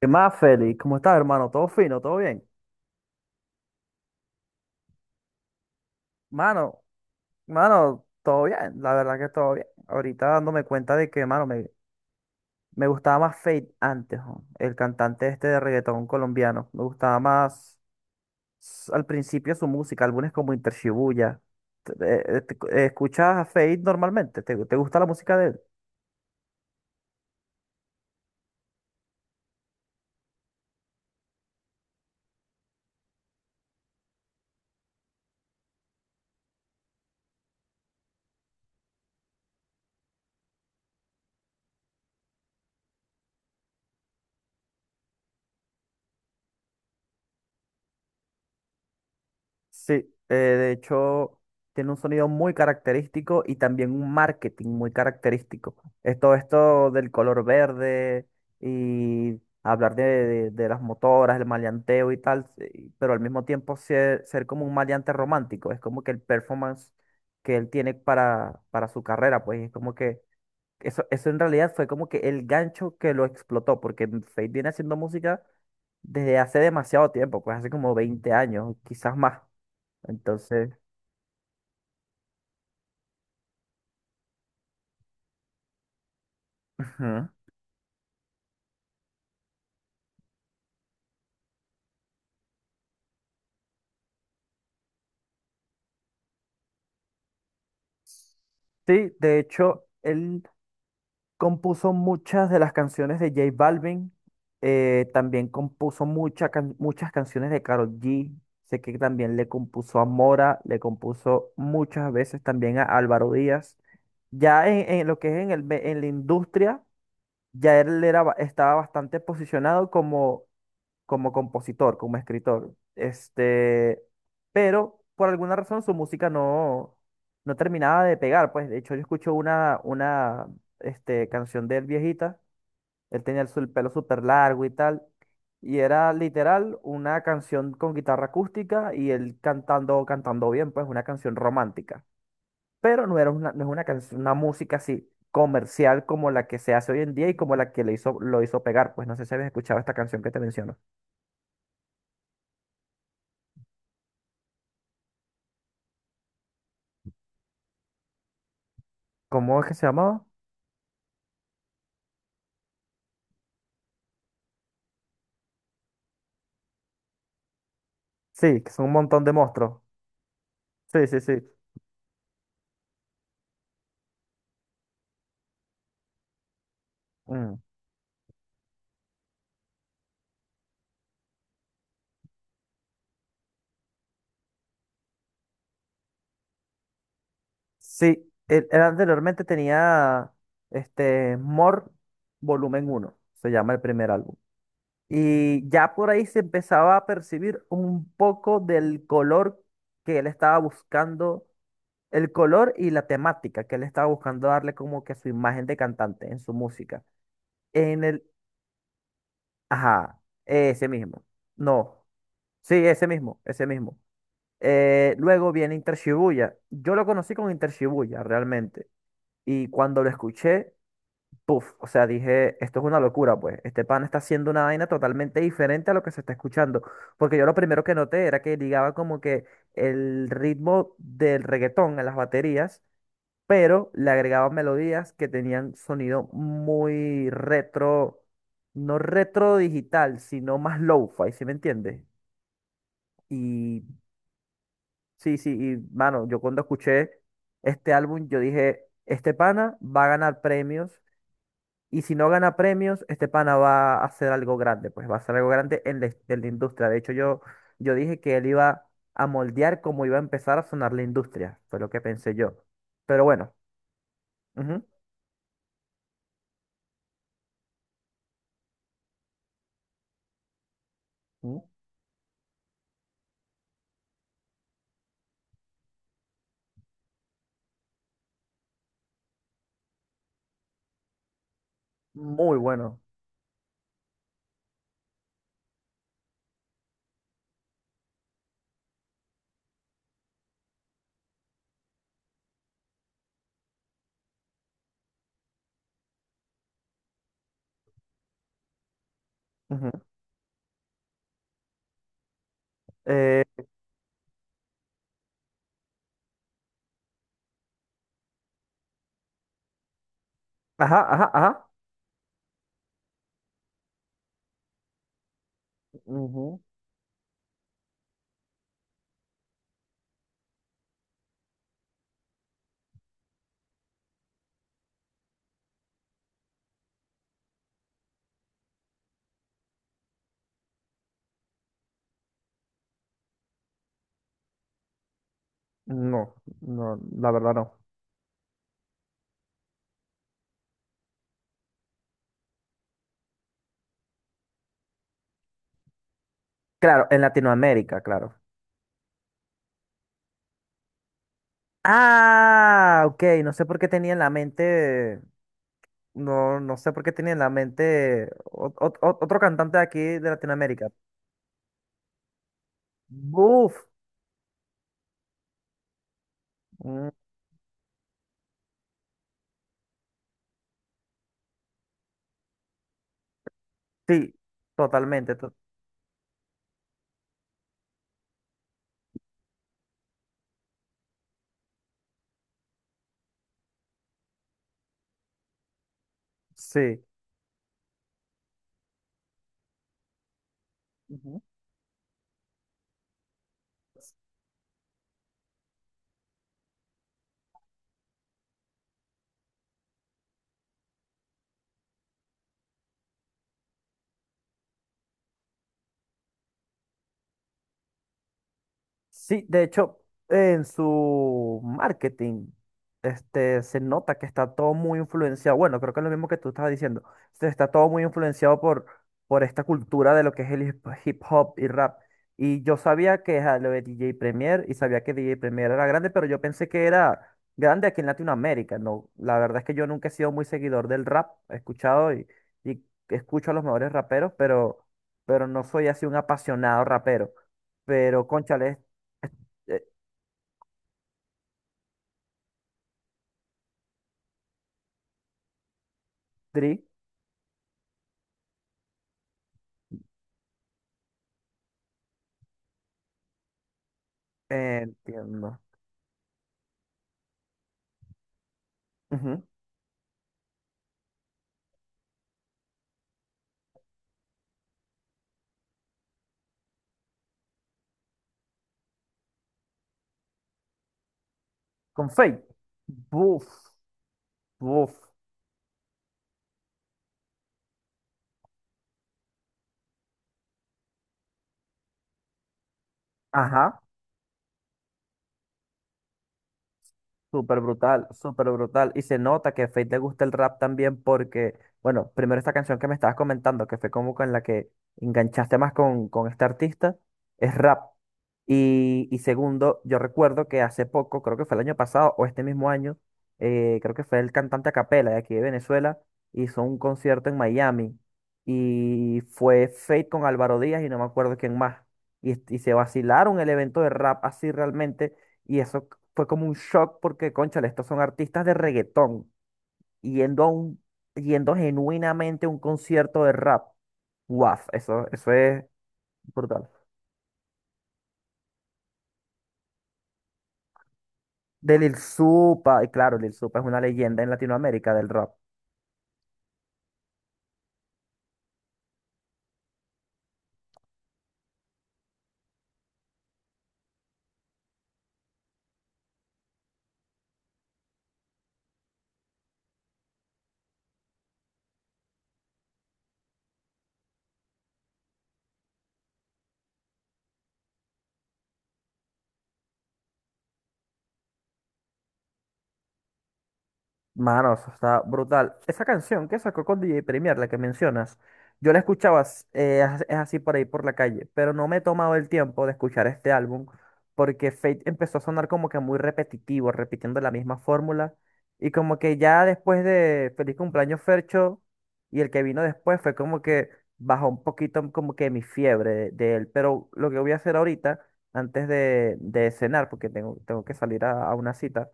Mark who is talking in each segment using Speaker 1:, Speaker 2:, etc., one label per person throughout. Speaker 1: ¿Qué más, Félix? ¿Cómo estás, hermano? ¿Todo fino? ¿Todo bien? Mano, mano, todo bien. La verdad que todo bien. Ahorita dándome cuenta de que, mano, me gustaba más Fate antes, jo, el cantante este de reggaetón colombiano. Me gustaba más al principio su música, álbumes como Inter Shibuya. ¿Escuchas a Fate normalmente? Te gusta la música de él? Sí, de hecho tiene un sonido muy característico y también un marketing muy característico. Es todo esto del color verde y hablar de las motoras, el maleanteo y tal, sí, pero al mismo tiempo ser como un maleante romántico. Es como que el performance que él tiene para su carrera, pues es como que eso en realidad fue como que el gancho que lo explotó, porque Fate viene haciendo música desde hace demasiado tiempo, pues hace como 20 años, quizás más. Entonces, ujú. Sí, de hecho, él compuso muchas de las canciones de J Balvin. También compuso muchas canciones de Karol G. Sé que también le compuso a Mora, le compuso muchas veces también a Álvaro Díaz. Ya en lo que es en la industria, ya él era, estaba bastante posicionado como como compositor, como escritor. Pero por alguna razón su música no, no terminaba de pegar. Pues de hecho yo escucho una canción de él viejita. Él tenía el pelo súper largo y tal. Y era literal una canción con guitarra acústica y él cantando, cantando bien, pues una canción romántica. Pero no era una, no es una canción, una música así comercial como la que se hace hoy en día y como la que le hizo, lo hizo pegar. Pues no sé si habéis escuchado esta canción que te menciono. ¿Cómo es que se llamaba? Sí, que son un montón de monstruos. Sí, sí, sí. Mm. Sí, él anteriormente tenía este More Volumen uno. Se llama el primer álbum. Y ya por ahí se empezaba a percibir un poco del color que él estaba buscando, el color y la temática que él estaba buscando darle como que su imagen de cantante en su música. En el, ajá, ese mismo. No, sí, ese mismo, ese mismo. Luego viene Inter Shibuya. Yo lo conocí con Inter Shibuya realmente. Y cuando lo escuché, puff, o sea, dije, esto es una locura, pues. Este pan está haciendo una vaina totalmente diferente a lo que se está escuchando. Porque yo lo primero que noté era que ligaba como que el ritmo del reggaetón en las baterías, pero le agregaba melodías que tenían sonido muy retro, no retro digital, sino más lo fi, ¿sí me entiendes? Y sí, sí, y mano, yo cuando escuché este álbum, yo dije, este pana va a ganar premios, y si no gana premios, este pana va a hacer algo grande, pues va a hacer algo grande en en la industria. De hecho, yo dije que él iba a moldear cómo iba a empezar a sonar la industria, fue lo que pensé yo. Pero bueno, ujú, ujú, muy bueno. Ujú. Eh, ajá, ajá, ajá. Ujú. No, no, la verdad no. Claro, en Latinoamérica, claro. Ah, ok, no sé por qué tenía en la mente, no, no sé por qué tenía en la mente otro cantante de aquí de Latinoamérica. Buf, mm, sí, totalmente, to- sí. Sí, de hecho, en su marketing, este, se nota que está todo muy influenciado. Bueno, creo que es lo mismo que tú estabas diciendo. Se está todo muy influenciado por esta cultura de lo que es el hip hop y rap. Y yo sabía que era lo de DJ Premier y sabía que DJ Premier era grande, pero yo pensé que era grande aquí en Latinoamérica. No, la verdad es que yo nunca he sido muy seguidor del rap. He escuchado y escucho a los mejores raperos, pero no soy así un apasionado rapero. Pero, cónchale, eh, Tri, entiendo. Ujú. Con Fate. Buf, buf. Ajá. Súper brutal, súper brutal. Y se nota que a Fate le gusta el rap también porque, bueno, primero esta canción que me estabas comentando, que fue como con la que enganchaste más con este artista, es rap. Y segundo, yo recuerdo que hace poco, creo que fue el año pasado o este mismo año, creo que fue el cantante a capela de aquí de Venezuela, hizo un concierto en Miami y fue Fate con Álvaro Díaz y no me acuerdo quién más. Y se vacilaron el evento de rap así realmente. Y eso fue como un shock porque, cónchale, estos son artistas de reggaetón yendo a un, yendo genuinamente a un concierto de rap. Guau, eso es brutal. De Lil Supa, y claro, Lil Supa es una leyenda en Latinoamérica del rap. Mano, eso está brutal. Esa canción que sacó con DJ Premier, la que mencionas, yo la escuchaba, s- as- es así por ahí por la calle, pero no me he tomado el tiempo de escuchar este álbum porque Fate empezó a sonar como que muy repetitivo, repitiendo la misma fórmula. Y como que ya después de Feliz Cumpleaños Fercho y el que vino después fue como que bajó un poquito como que mi fiebre de él. Pero lo que voy a hacer ahorita, antes de cenar, porque tengo que salir a una cita.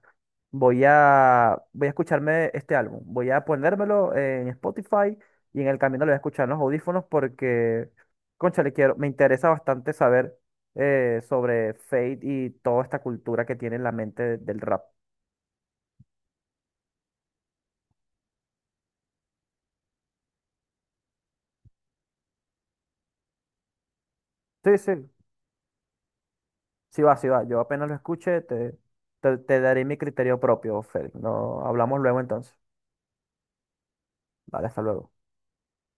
Speaker 1: Voy a escucharme este álbum. Voy a ponérmelo en Spotify y en el camino lo voy a escuchar en los audífonos porque, cónchale, quiero, me interesa bastante saber sobre Fate y toda esta cultura que tiene en la mente del rap. Sí, sí, sí va, sí va. Yo apenas lo escuche, te daré mi criterio propio, Félix. No, hablamos luego entonces. Vale, hasta luego.